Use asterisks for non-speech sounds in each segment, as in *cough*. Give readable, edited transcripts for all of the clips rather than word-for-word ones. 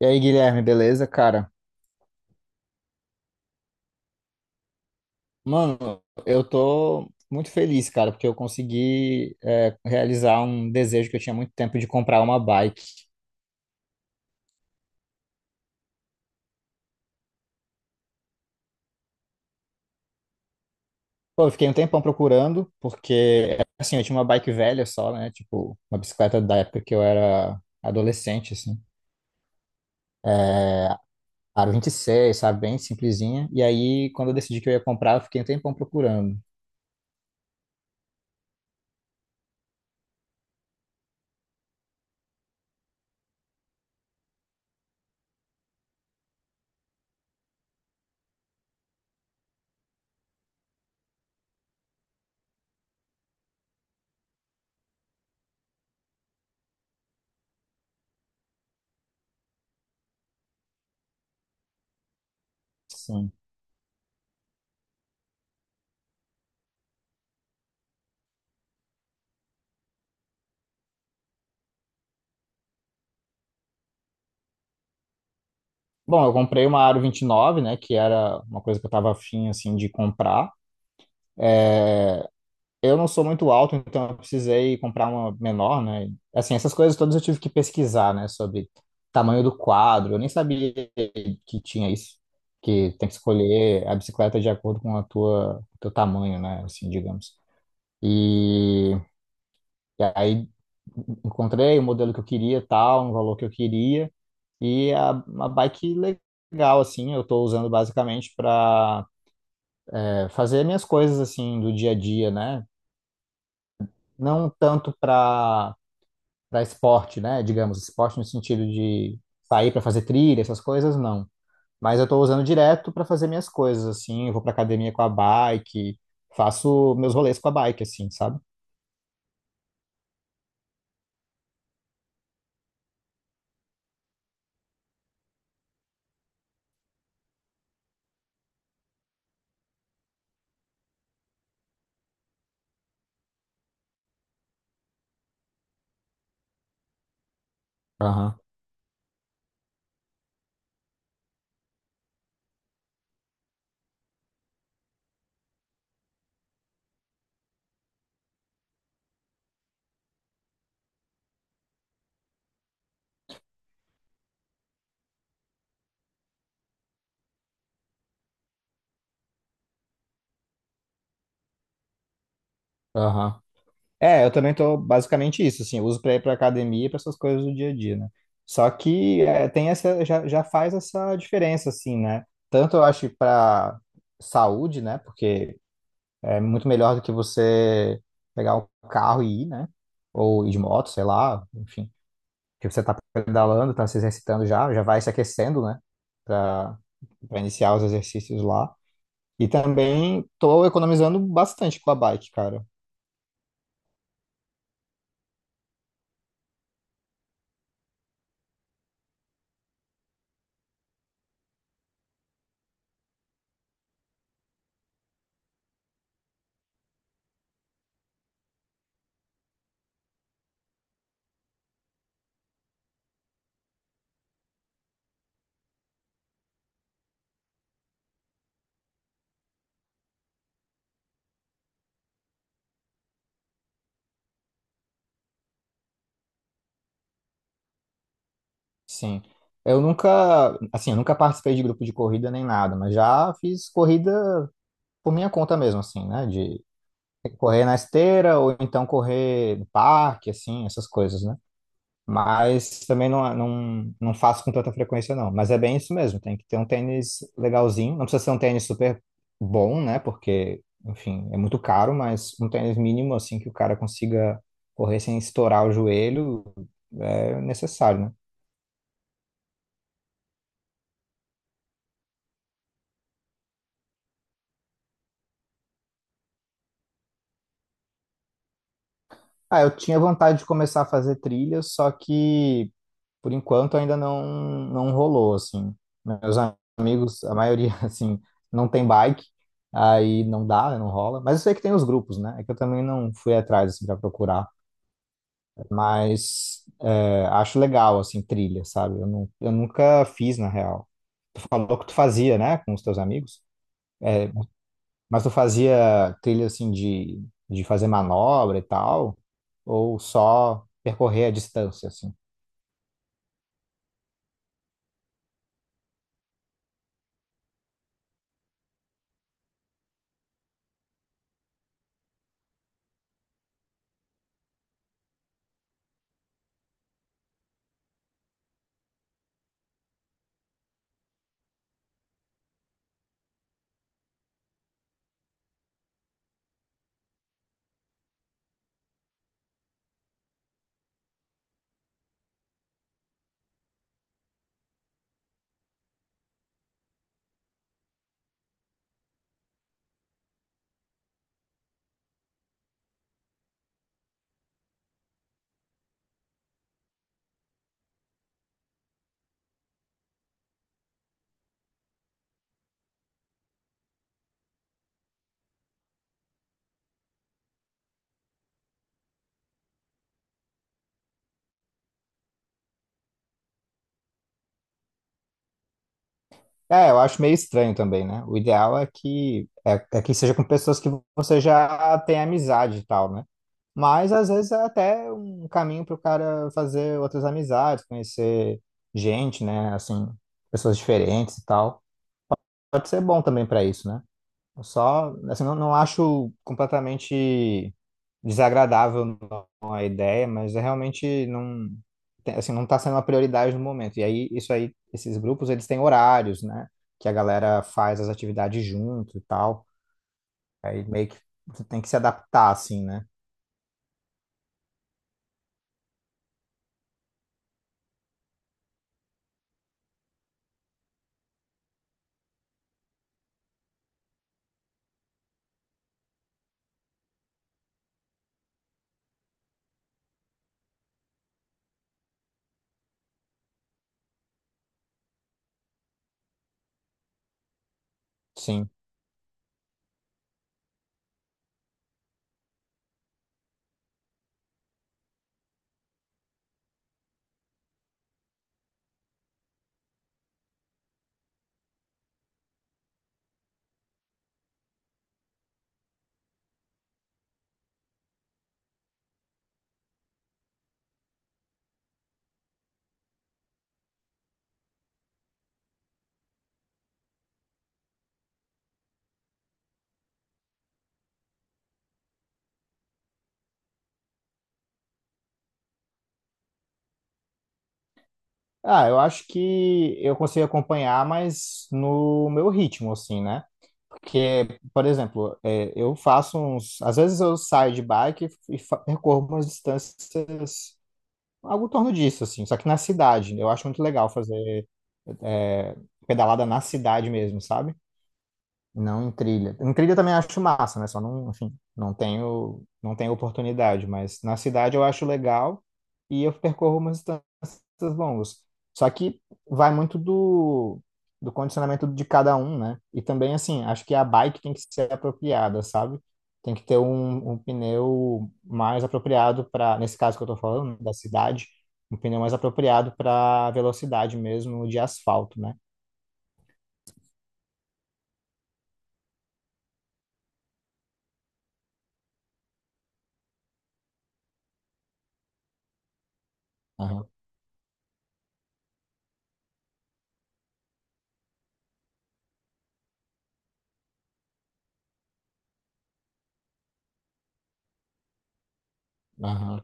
E aí, Guilherme, beleza, cara? Mano, eu tô muito feliz, cara, porque eu consegui realizar um desejo que eu tinha muito tempo de comprar uma bike. Pô, eu fiquei um tempão procurando, porque, assim, eu tinha uma bike velha só, né? Tipo, uma bicicleta da época que eu era adolescente, assim. Aro 26, sabe? Bem simplesinha. E aí, quando eu decidi que eu ia comprar, eu fiquei um tempão procurando, assim. Bom, eu comprei uma Aro 29, né? Que era uma coisa que eu tava afim, assim, de comprar. Eu não sou muito alto, então eu precisei comprar uma menor, né? Assim, essas coisas todas eu tive que pesquisar, né? Sobre tamanho do quadro. Eu nem sabia que tinha isso, que tem que escolher a bicicleta de acordo com a tua, o teu tamanho, né? Assim, digamos. E, e aí encontrei o modelo que eu queria, tal, um valor que eu queria e a, uma bike legal, assim. Eu estou usando basicamente para fazer minhas coisas assim do dia a dia, né? Não tanto para esporte, né? Digamos, esporte no sentido de sair para fazer trilha, essas coisas, não. Mas eu estou usando direto para fazer minhas coisas, assim. Eu vou para academia com a bike, faço meus rolês com a bike, assim, sabe? Aham, aham. É, eu também tô basicamente isso, assim, eu uso para ir para academia e para essas coisas do dia a dia, né? Só que é, tem essa, já, já faz essa diferença, assim, né? Tanto eu acho para saúde, né? Porque é muito melhor do que você pegar o carro e ir, né? Ou ir de moto, sei lá, enfim. Porque você tá pedalando, tá se exercitando já, já vai se aquecendo, né? Pra, pra iniciar os exercícios lá. E também tô economizando bastante com a bike, cara. Sim. Eu nunca, assim, eu nunca participei de grupo de corrida nem nada, mas já fiz corrida por minha conta mesmo, assim, né? De correr na esteira ou então correr no parque, assim, essas coisas, né? Mas também não, não, não faço com tanta frequência, não. Mas é bem isso mesmo, tem que ter um tênis legalzinho. Não precisa ser um tênis super bom, né? Porque, enfim, é muito caro, mas um tênis mínimo, assim, que o cara consiga correr sem estourar o joelho, é necessário, né? Ah, eu tinha vontade de começar a fazer trilha, só que por enquanto ainda não, não rolou, assim. Meus amigos, a maioria, *laughs* assim, não tem bike, aí não dá, né, não rola. Mas eu sei que tem os grupos, né? É que eu também não fui atrás, assim, pra procurar. Mas é, acho legal, assim, trilha, sabe? Eu, não, eu nunca fiz, na real. Tu falou que tu fazia, né, com os teus amigos. É, mas tu fazia trilha, assim, de fazer manobra e tal? Ou só percorrer a distância, assim? É, eu acho meio estranho também, né? O ideal é que é, é que seja com pessoas que você já tem amizade e tal, né? Mas às vezes é até um caminho para o cara fazer outras amizades, conhecer gente, né? Assim, pessoas diferentes e tal. Pode ser bom também para isso, né? Eu só, assim, não, não acho completamente desagradável não, a ideia, mas é realmente não, tem- assim, não está sendo uma prioridade no momento. E aí, isso aí, esses grupos, eles têm horários, né? Que a galera faz as atividades junto e tal. Aí meio que tu tem que se adaptar, assim, né? Sim. Ah, eu acho que eu consigo acompanhar, mas no meu ritmo, assim, né? Porque, por exemplo, é, eu faço uns. Às vezes eu saio de bike e fa- percorro umas distâncias, algo em torno disso, assim, só que na cidade. Eu acho muito legal fazer é, pedalada na cidade mesmo, sabe? Não em trilha. Em trilha eu também acho massa, né? Só não, enfim, não tenho, não tenho oportunidade, mas na cidade eu acho legal e eu percorro umas distâncias longas. Só que vai muito do, do condicionamento de cada um, né? E também, assim, acho que a bike tem que ser apropriada, sabe? Tem que ter um, um pneu mais apropriado para, nesse caso que eu tô falando, né, da cidade, um pneu mais apropriado para velocidade mesmo de asfalto, né? Aham, aham.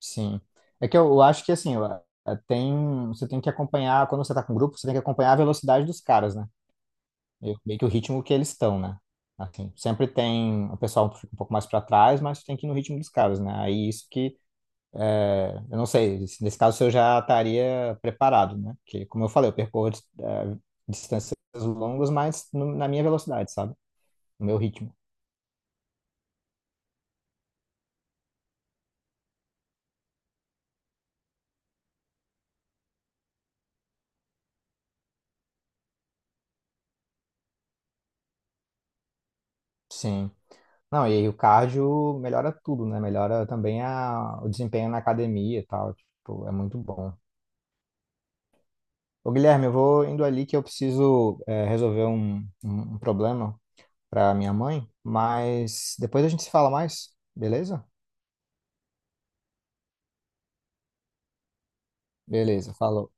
Sim. É que eu acho que assim, eu- eh, tem, você tem que acompanhar, quando você tá com grupo, você tem que acompanhar a velocidade dos caras, né? E meio que o ritmo que eles estão, né? Assim, sempre tem, o pessoal fica um pouco mais para trás, mas tem que ir no ritmo dos caras, né? Aí isso que, eh, eu não sei, se nesse caso eu já estaria preparado, né? Porque, como eu falei, eu percorro, eh, distâncias longas, mas no- na minha velocidade, sabe? No meu ritmo. Sim. Não, e aí o cardio melhora tudo, né? Melhora também a, o desempenho na academia e tal. Tipo, é muito bom. Ô, Guilherme, eu vou indo ali que eu preciso resolver um, um, um problema para minha mãe, mas depois a gente se fala mais, beleza? Beleza, falou.